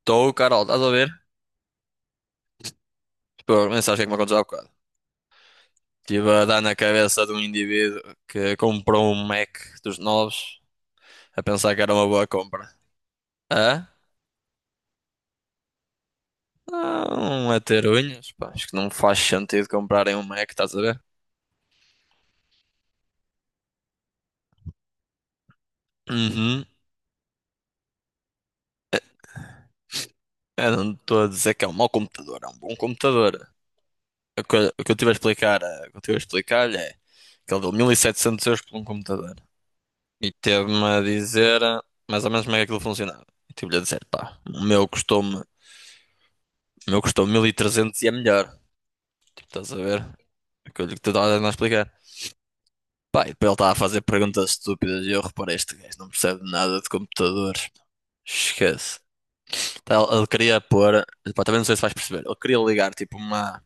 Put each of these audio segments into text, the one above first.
Estou, Carol, estás a ver? Pô, mas sabes o que é que me aconteceu há bocado? Estive a dar na cabeça de um indivíduo que comprou um Mac dos novos a pensar que era uma boa compra. Hã? Não, a ter unhas, pá, acho que não faz sentido comprarem um Mac, estás a ver? Uhum. Eu não estou a dizer que é um mau computador, é um bom computador. O que eu estive a explicar, o que eu estive a explicar-lhe é que ele deu 1700 euros por um computador. E teve-me a dizer mais ou menos como é que aquilo funcionava. E tive-lhe a dizer, pá, o meu custou-me. O meu custou 1300 e é melhor. Tipo, estás a ver? Aquilo que tu estás a tentar explicar. Pá, e depois ele estava a fazer perguntas estúpidas e eu reparei, este gajo não percebe nada de computadores. Esquece. Então, ele queria pôr, pá, também não sei se vais perceber, ele queria ligar tipo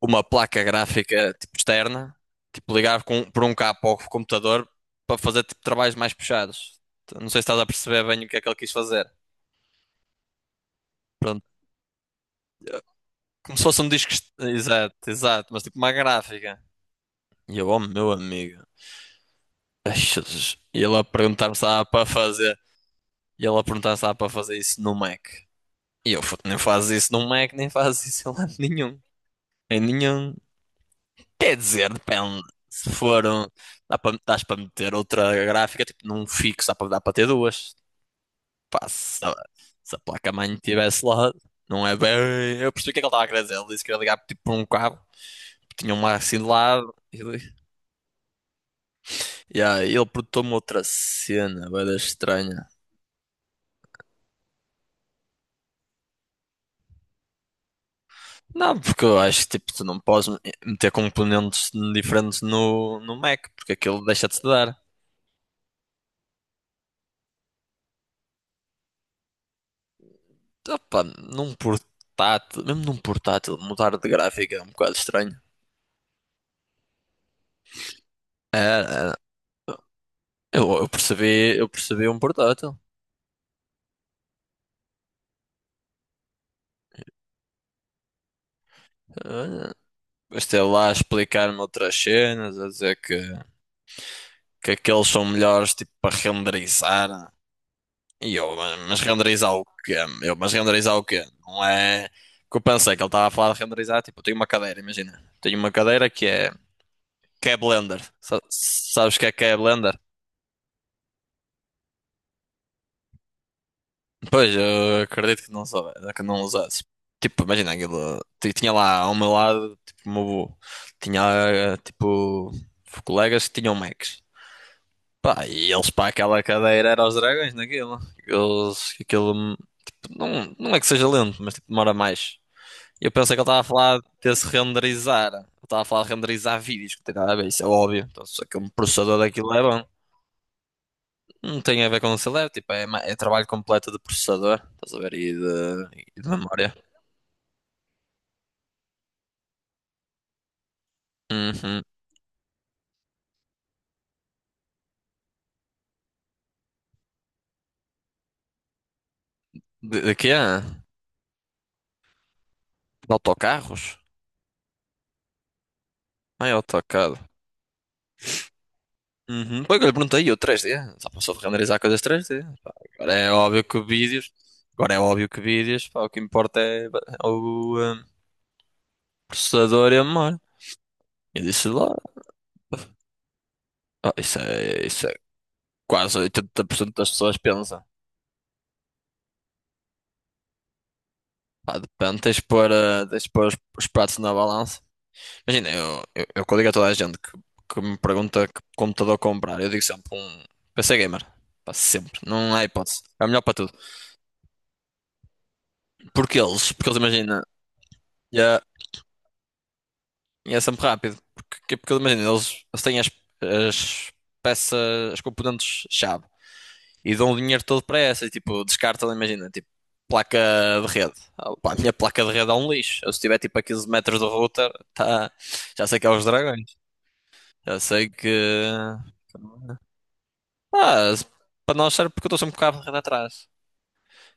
uma placa gráfica tipo externa, tipo ligar com, por um cabo ao computador para fazer tipo trabalhos mais puxados. Então, não sei se estás a perceber bem o que é que ele quis fazer. Pronto, como se fosse um disco, exato, exato, mas tipo uma gráfica. E eu, oh meu amigo. Ai, Jesus. E ele a perguntar-me se dava para fazer. E ele a perguntar se dava para fazer isso no Mac. E eu, "Foda, nem fazes isso no Mac, nem fazes isso em lado nenhum. Em nenhum." Quer dizer, depende. Se for um. Dá para, dás para meter outra gráfica, tipo num fixo, dá para, dá para ter duas. Pá, se, a se a placa-mãe estivesse lá, não é bem. Eu percebi o que é que ele estava a querer dizer. Ele disse que ia ligar tipo, por um cabo, tinha uma assim de lado. E ele. Yeah, ele perguntou-me outra cena, bem estranha. Não, porque eu acho que tipo, tu não podes meter componentes diferentes no, no Mac, porque aquilo deixa-te de dar. Opa, num portátil, mesmo num portátil, mudar de gráfica é um bocado estranho. É, é, eu percebi um portátil. É. Gostei lá a explicar-me outras cenas, a dizer que aqueles são melhores tipo para renderizar. E eu, mas renderizar o quê? Eu, mas renderizar o quê? Não é. O que eu pensei que ele estava a falar de renderizar, tipo, eu tenho uma cadeira, imagina. Tenho uma cadeira que é. Que é Blender. Sabes o que é Blender? Pois, eu acredito que não soube, que não usasses. Tipo, imagina aquilo. Tinha lá ao meu lado, tipo, o meu. Tinha eh, tipo. colegas que tinham Macs. Pá, e eles para aquela cadeira eram os dragões naquilo. Eles, aquilo. Não, não é que seja lento, mas tipo, demora mais. Eu pensei que ele estava a falar desse renderizar. Ele estava a falar de renderizar vídeos, que não tem nada a ver, isso é óbvio. Então, só que um processador daquilo é bom. Não tem a ver com o celular, tipo, é, é trabalho completo de processador, estás a ver, e de memória. Uhum. De quê? De autocarros? Ah, é AutoCAD. Uhum. Foi o que eu lhe perguntei, eu 3D. Só passou de renderizar coisas 3D. Pá, agora é óbvio que vídeos. Agora é óbvio que vídeos. Pá, o que importa é o processador e a memória. Eu disse lá. Ah, isso é quase 80% das pessoas pensa. Pá, depende, tens de pôr, tens de pôr os pratos na balança. Imagina, eu quando digo a toda a gente que me pergunta que computador comprar, eu digo sempre um PC Gamer. Pá, sempre. Não há hipótese. É o melhor para tudo. Porque eles imagina. E é sempre rápido. Porque, porque imagina, eles têm as, as peças, as componentes-chave e dão o dinheiro todo para essas. Tipo, descartam, imagina, tipo, placa de rede. Ah, pá, a minha placa de rede é um lixo. Eu, se tiver tipo a 15 metros do router, tá, já sei que é os dragões. Já sei que. Ah, para nós serve porque eu estou sempre com o cabo de rede atrás.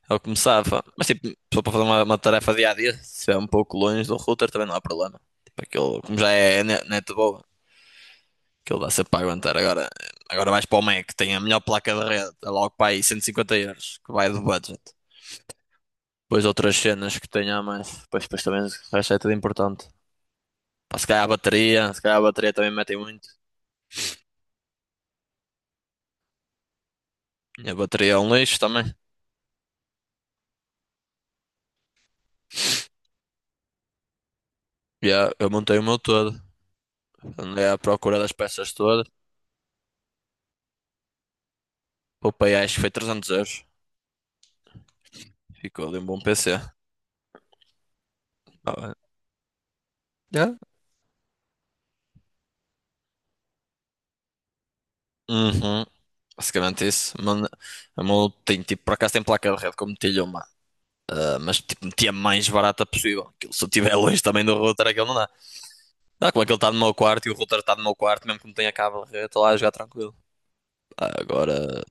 É o que me safa. Mas tipo, só para fazer uma tarefa dia a dia, se é um pouco longe do router também não há problema. Tipo, aquilo, como já é net. Aquilo dá ser para aguentar. Agora, agora vais para o Mac, tem a melhor placa de rede, é logo para aí 150 euros, que vai do budget. Depois outras cenas que tenha a mais. Depois, depois também o resto é tudo importante. Pá, se calhar a bateria, se calhar a bateria também metem muito. E a bateria é um lixo também. E eu montei o meu todo. Andei à procura das peças todas. Poupei, acho que foi 300 euros. Ficou ali um bom PC. Tá bem. Yeah. Uhum. Basicamente isso. Mano, a meu tem tipo, por acaso tem placa de rede, como metilho. Ah, mas tipo, metia mais barata possível. Aquilo, se eu estiver longe também do router, aquilo não dá. Dá como aquele está no meu quarto e o router está no meu quarto, mesmo que não tenha cabo, eu estou lá a jogar tranquilo. Ah, agora,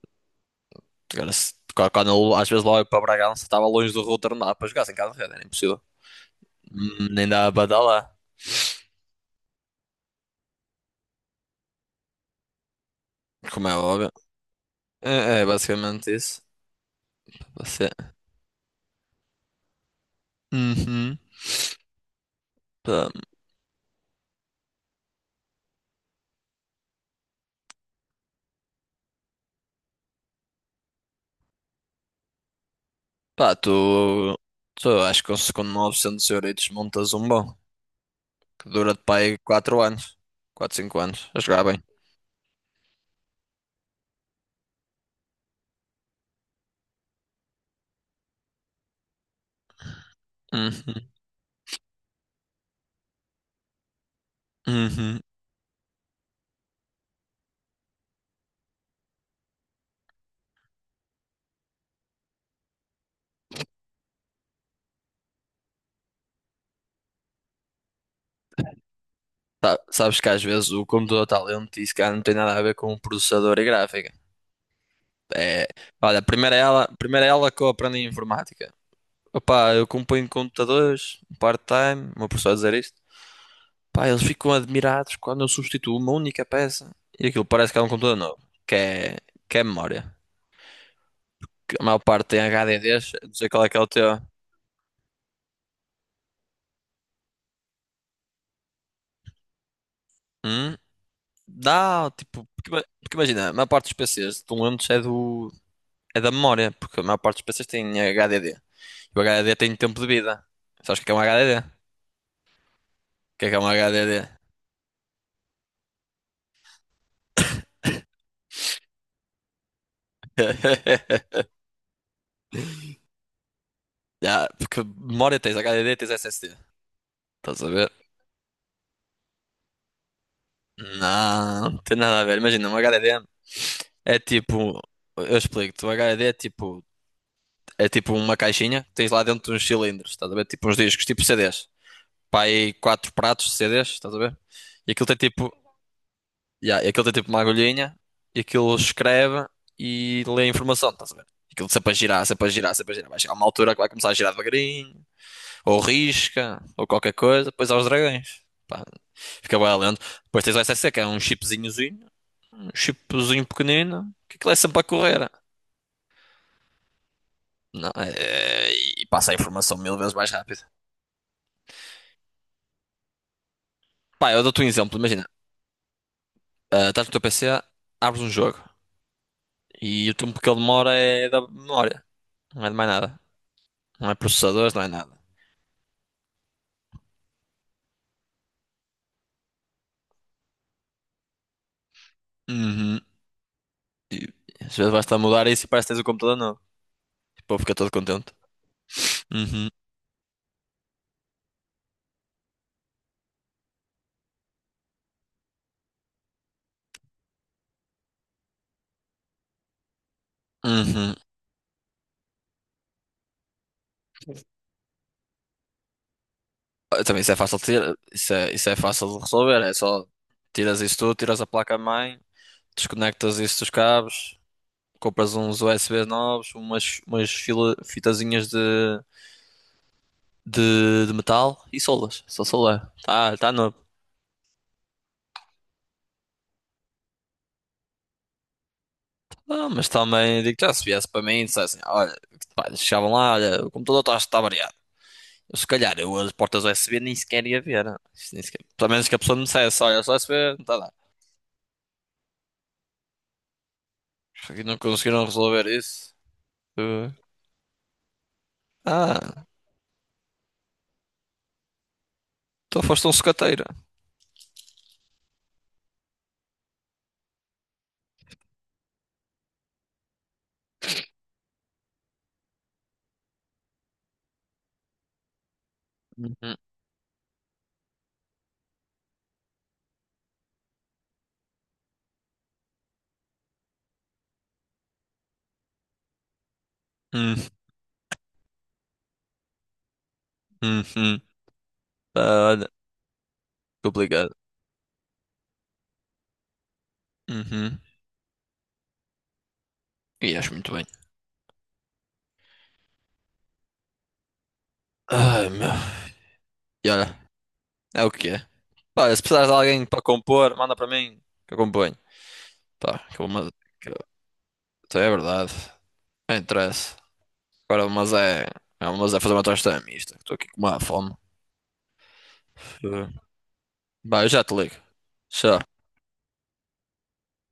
quando eu, às vezes lá eu para Bragança, estava longe do router, não dá para jogar sem cabo de rede, era impossível. Nem dá para dar lá, como é óbvio. É, é basicamente isso. Você. Uhum. Pá, pá, tu acho que com 900 euros montas um bom que dura-te para aí 4 anos, 4 5 anos, a jogar bem. Uhum. Uhum. Sabes que às vezes o computador está lento e isso cá não tem nada a ver com o processador e gráfica. É, olha, primeiro é ela que eu aprendo em informática. Opa, eu componho computadores, um part-time, o meu professor a dizer isto. Pá, eles ficam admirados quando eu substituo uma única peça e aquilo parece que é um computador novo, que é, que é memória. Que a maior parte tem HDDs, não sei qual é que é o teu. Hum? Não, tipo, porque, porque imagina, a maior parte dos PCs estão lentos é do, é da memória, porque a maior parte dos PCs tem HDD. O HDD tem tempo de vida. Sabes o que é um HDD? O que é um HDD? Já, porque memória tens HDD, tens SSD. Estás a ver? Não, não tem nada a ver. Imagina, um HDD é tipo. Eu explico-te. Um HDD é tipo. É tipo uma caixinha que tens lá dentro uns cilindros. Estás a ver? Tipo uns discos, tipo CDs. Pá, aí quatro pratos de CDs. Estás a ver? E aquilo tem tipo. Yeah, e aquilo tem tipo uma agulhinha e aquilo escreve e lê a informação, estás a ver? Aquilo sempre a girar, sempre a girar, sempre a girar. Vai chegar uma altura que vai começar a girar devagarinho, ou risca, ou qualquer coisa, depois aos dragões. Pá, fica bem lento. Depois tens o S SSC, que é um chipzinhozinho, um chipzinho pequenino, que aquilo é sempre a correr. Não, é- E passa a informação 1000 vezes mais rápido. Pá, eu dou-te um exemplo, imagina, ah, estás no teu P C, abres um jogo e o tempo que ele demora é da memória, não é de mais nada. Não é processadores, não é nada. Uhum. E às vezes basta mudar isso e parece que tens o computador novo. O povo fica todo contente. Uhum. Uhum. Ah, também isso é fácil de tirar. Isso é fácil de resolver. É só tiras isso tudo, tiras a placa-mãe, desconectas isso dos cabos, compras uns USB novos, umas fitazinhas de metal e solas. Só solar. Tá, tá novo. Ah, mas também digo já se viesse para mim e dissessem, olha, pá, chegavam lá, olha, o computador está tá variado. Se calhar eu as portas U S B nem sequer ia ver. Né? Isto nem sequer... Pelo menos que a pessoa me dissesse, olha, só U S B não está lá. E não conseguiram resolver isso. Eh, Ah, então foste um sucateiro. Uhum, uhum, uhum. Ah, olha, complicado. Uhum. E acho muito bem. Ai, meu. E olha, é o que é. Pá, se precisares de alguém para compor, manda para mim que eu componho. Pá, que eu vou mandar. que eu- Então é verdade. Não interessa. Agora, mas é. Mas é fazer uma tosta é mista. Estou aqui com uma fome. Eh, Bah, eu já te ligo. Tchau.